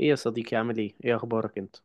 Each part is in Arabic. ايه يا صديقي، عامل ايه اخبارك انت؟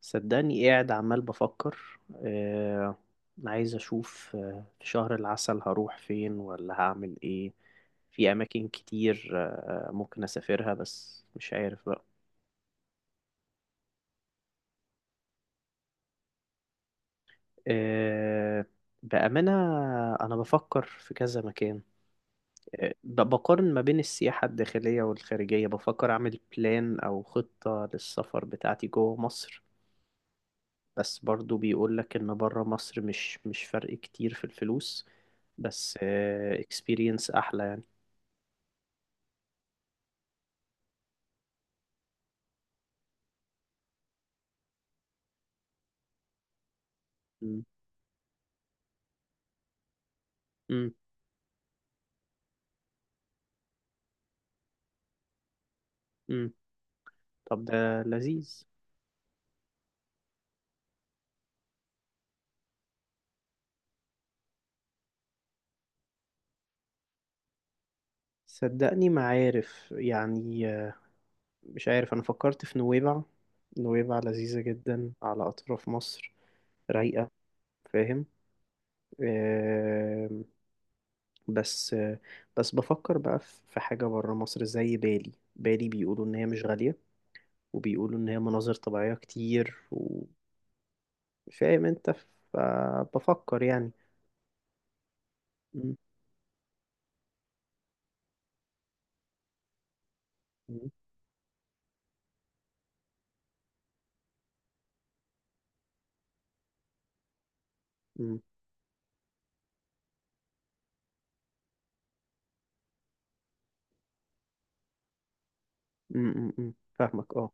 صدقني قاعد عمال بفكر. آه عايز اشوف في شهر العسل هروح فين ولا هعمل ايه. في اماكن كتير، ممكن اسافرها بس مش عارف بقى. آه بأمانة، انا بفكر في كذا مكان. بقارن ما بين السياحة الداخلية والخارجية. بفكر اعمل بلان او خطة للسفر بتاعتي جوه مصر. بس برضو بيقول لك ان بره مصر مش فرق كتير في الفلوس. بس اكسبيرينس احلى يعني. مم. مم. مم. طب ده لذيذ. صدقني ما عارف يعني. مش عارف، انا فكرت في نويبع. نويبع لذيذة جدا على اطراف مصر. رايقة. فاهم. آم، بس بس بفكر بقى في حاجة بره مصر زي بالي بيقولوا ان هي مش غالية. وبيقولوا ان هي مناظر طبيعية كتير. فاهم انت. فبفكر يعني. م- م- م- م- م- م. فاهمك اه.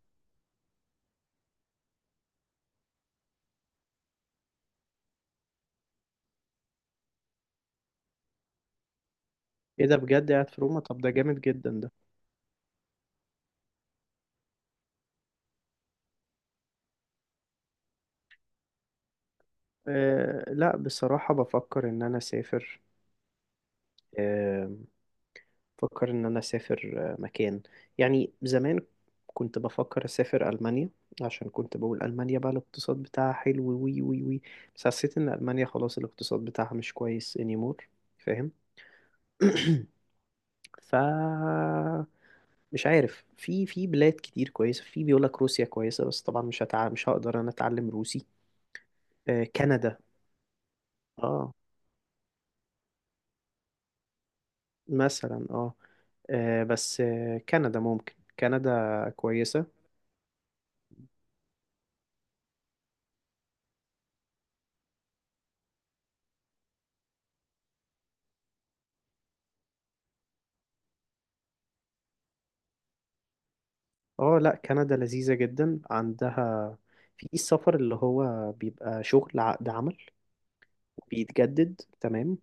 ايه ده؟ بجد قاعد في روما؟ طب ده جامد جدا ده. أه لا، بصراحة بفكر ان انا اسافر. أه بفكر ان انا اسافر مكان. يعني زمان كنت بفكر اسافر المانيا، عشان كنت بقول المانيا بقى الاقتصاد بتاعها حلو وي وي وي بس حسيت ان المانيا خلاص الاقتصاد بتاعها مش كويس anymore. فاهم. ف مش عارف. في بلاد كتير كويسة. في بيقول لك روسيا كويسة، بس طبعا مش هقدر انا اتعلم روسي. آه كندا. اه، مثلا اه, بس كندا ممكن. كندا كويسة. اه لا، كندا لذيذة جدا. عندها في السفر اللي هو بيبقى شغل عقد عمل بيتجدد، تمام.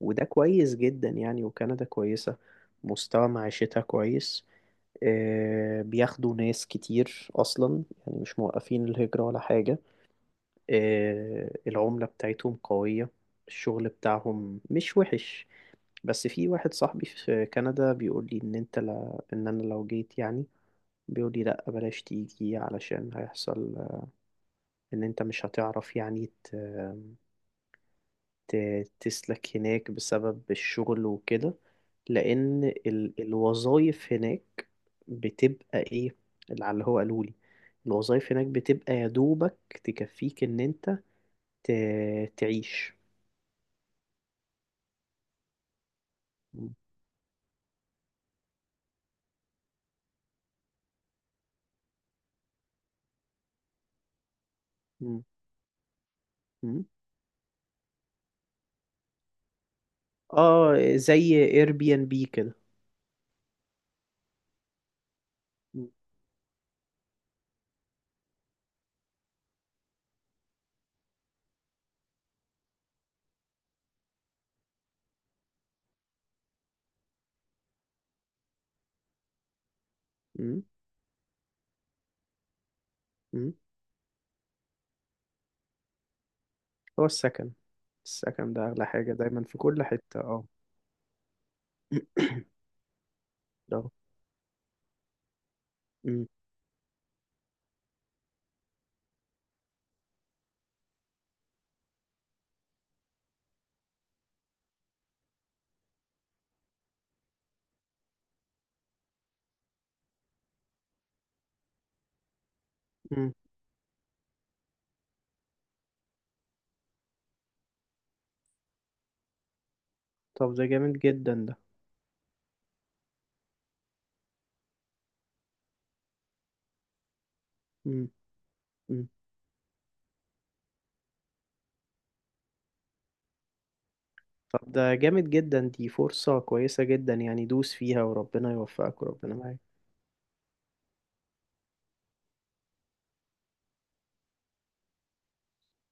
وده كويس جدا يعني. وكندا كويسة، مستوى معيشتها كويس. بياخدوا ناس كتير أصلا، يعني مش موقفين الهجرة ولا حاجة. العملة بتاعتهم قوية. الشغل بتاعهم مش وحش. بس في واحد صاحبي في كندا بيقول لي ان انت، لا ان انا لو جيت يعني. بيقول لي لا، بلاش تيجي علشان هيحصل، ان انت مش هتعرف يعني. تسلك هناك بسبب الشغل وكده. لان الوظائف هناك بتبقى ايه. اللي على اللي هو قالوا لي الوظائف هناك بتبقى يا دوبك تكفيك ان انت ت... تعيش. مم. مم. اه، زي اير بي ان بي كده. مم. مم. مم. هو السكن. السكن ده اغلى حاجة دايما في كل حتة اه. ده. مم. مم. طب ده جامد جدا ده. مم. مم. طب ده جامد جدا، دي فرصة كويسة جدا يعني. دوس فيها وربنا يوفقك وربنا معاك.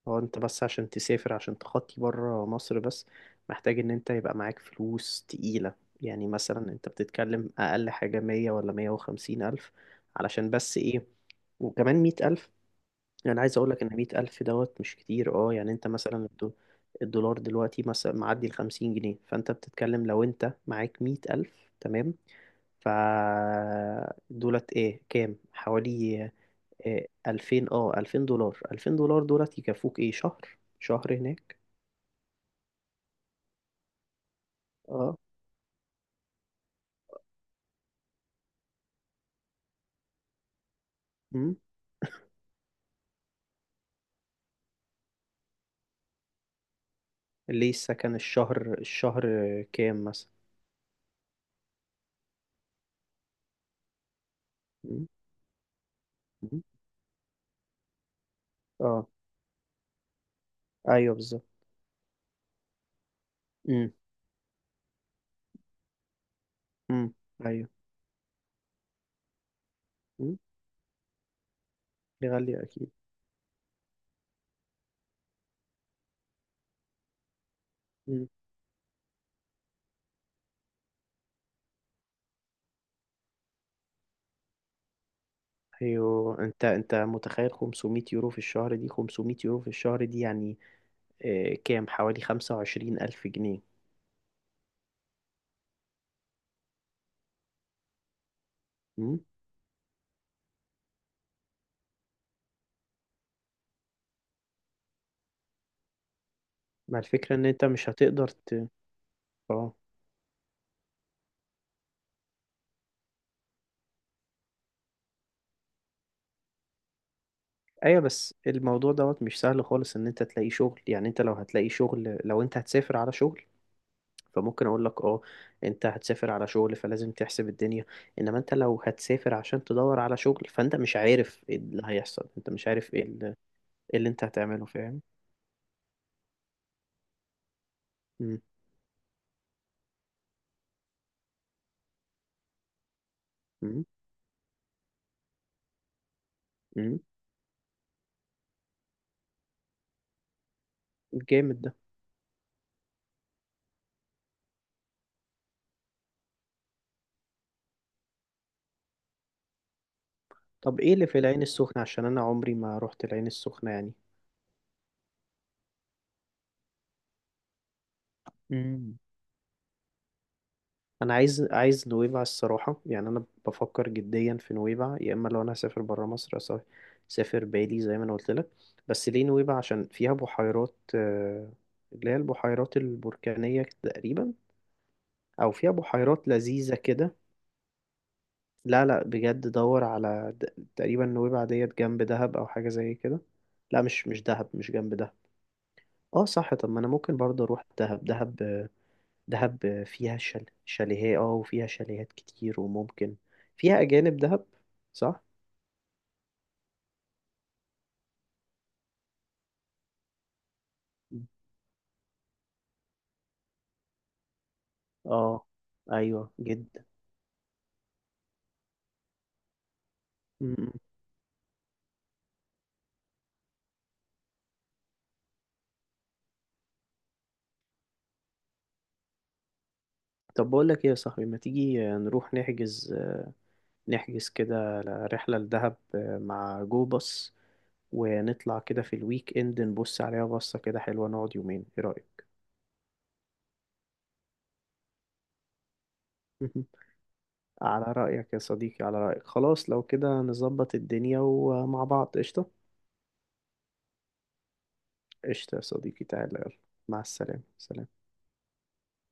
هو انت بس عشان تسافر، عشان تخطي بره مصر بس، محتاج ان انت يبقى معاك فلوس تقيلة. يعني مثلا انت بتتكلم اقل حاجة 100 ولا 150,000. علشان بس ايه؟ وكمان 100,000. أنا عايز أقولك إن 100,000 دوت مش كتير أه. يعني أنت مثلا الدولار دلوقتي مثلا معدي 50 جنيه، فأنت بتتكلم لو أنت معاك 100,000 تمام. ف دولت إيه كام حوالي؟ إيه 2000، 2000 دولار. 2000 دولار دولت يكفوك إيه؟ شهر؟ شهر هناك. أه. أمم ليه السكن الشهر كام مثلا؟ أمم، أمم، أه. أيوه بالظبط. أمم، أمم، أيوه. أمم، يغلي أكيد. ايوه، انت متخيل 500 يورو في الشهر؟ دي 500 يورو في الشهر دي يعني كام حوالي 25,000 ألف جنيه. مم؟ مع الفكرة إن أنت مش هتقدر. اه. أيوة بس الموضوع دوت مش سهل خالص إن أنت تلاقي شغل. يعني أنت لو هتلاقي شغل، لو أنت هتسافر على شغل، فممكن أقول لك. أنت هتسافر على شغل فلازم تحسب الدنيا. إنما أنت لو هتسافر عشان تدور على شغل فأنت مش عارف إيه اللي هيحصل، أنت مش عارف إيه اللي, إيه اللي أنت هتعمله. فاهم؟ مم. مم. مم. جامد ده. طب ايه اللي في العين السخنة عشان انا عمري ما روحت العين السخنة يعني؟ مم. انا عايز، نويبع الصراحة يعني. انا بفكر جديا في نويبع، يا اما لو انا هسافر برا مصر. اسافر بالي زي ما انا قلت لك. بس ليه نويبع؟ عشان فيها بحيرات، اللي هي البحيرات البركانية تقريبا. او فيها بحيرات لذيذة كده. لا لا، بجد دور على تقريبا نويبع ديت جنب دهب او حاجة زي كده. لا، مش دهب، مش جنب دهب. اه صح. طب ما انا ممكن برضه اروح دهب. دهب دهب فيها شاليهات اه. وفيها شاليهات كتير وممكن فيها أجانب. دهب صح؟ اه ايوه جدا. م-م. طب بقول لك ايه يا صاحبي، ما تيجي نروح نحجز كده رحلة لدهب مع جو باص. ونطلع كده في الويك اند، نبص عليها بصة كده حلوة، نقعد يومين. ايه رأيك؟ مهم. على رأيك يا صديقي، على رأيك. خلاص لو كده نظبط الدنيا ومع بعض. قشطة. قشطة يا صديقي، تعالى يلا. مع السلامة سلام.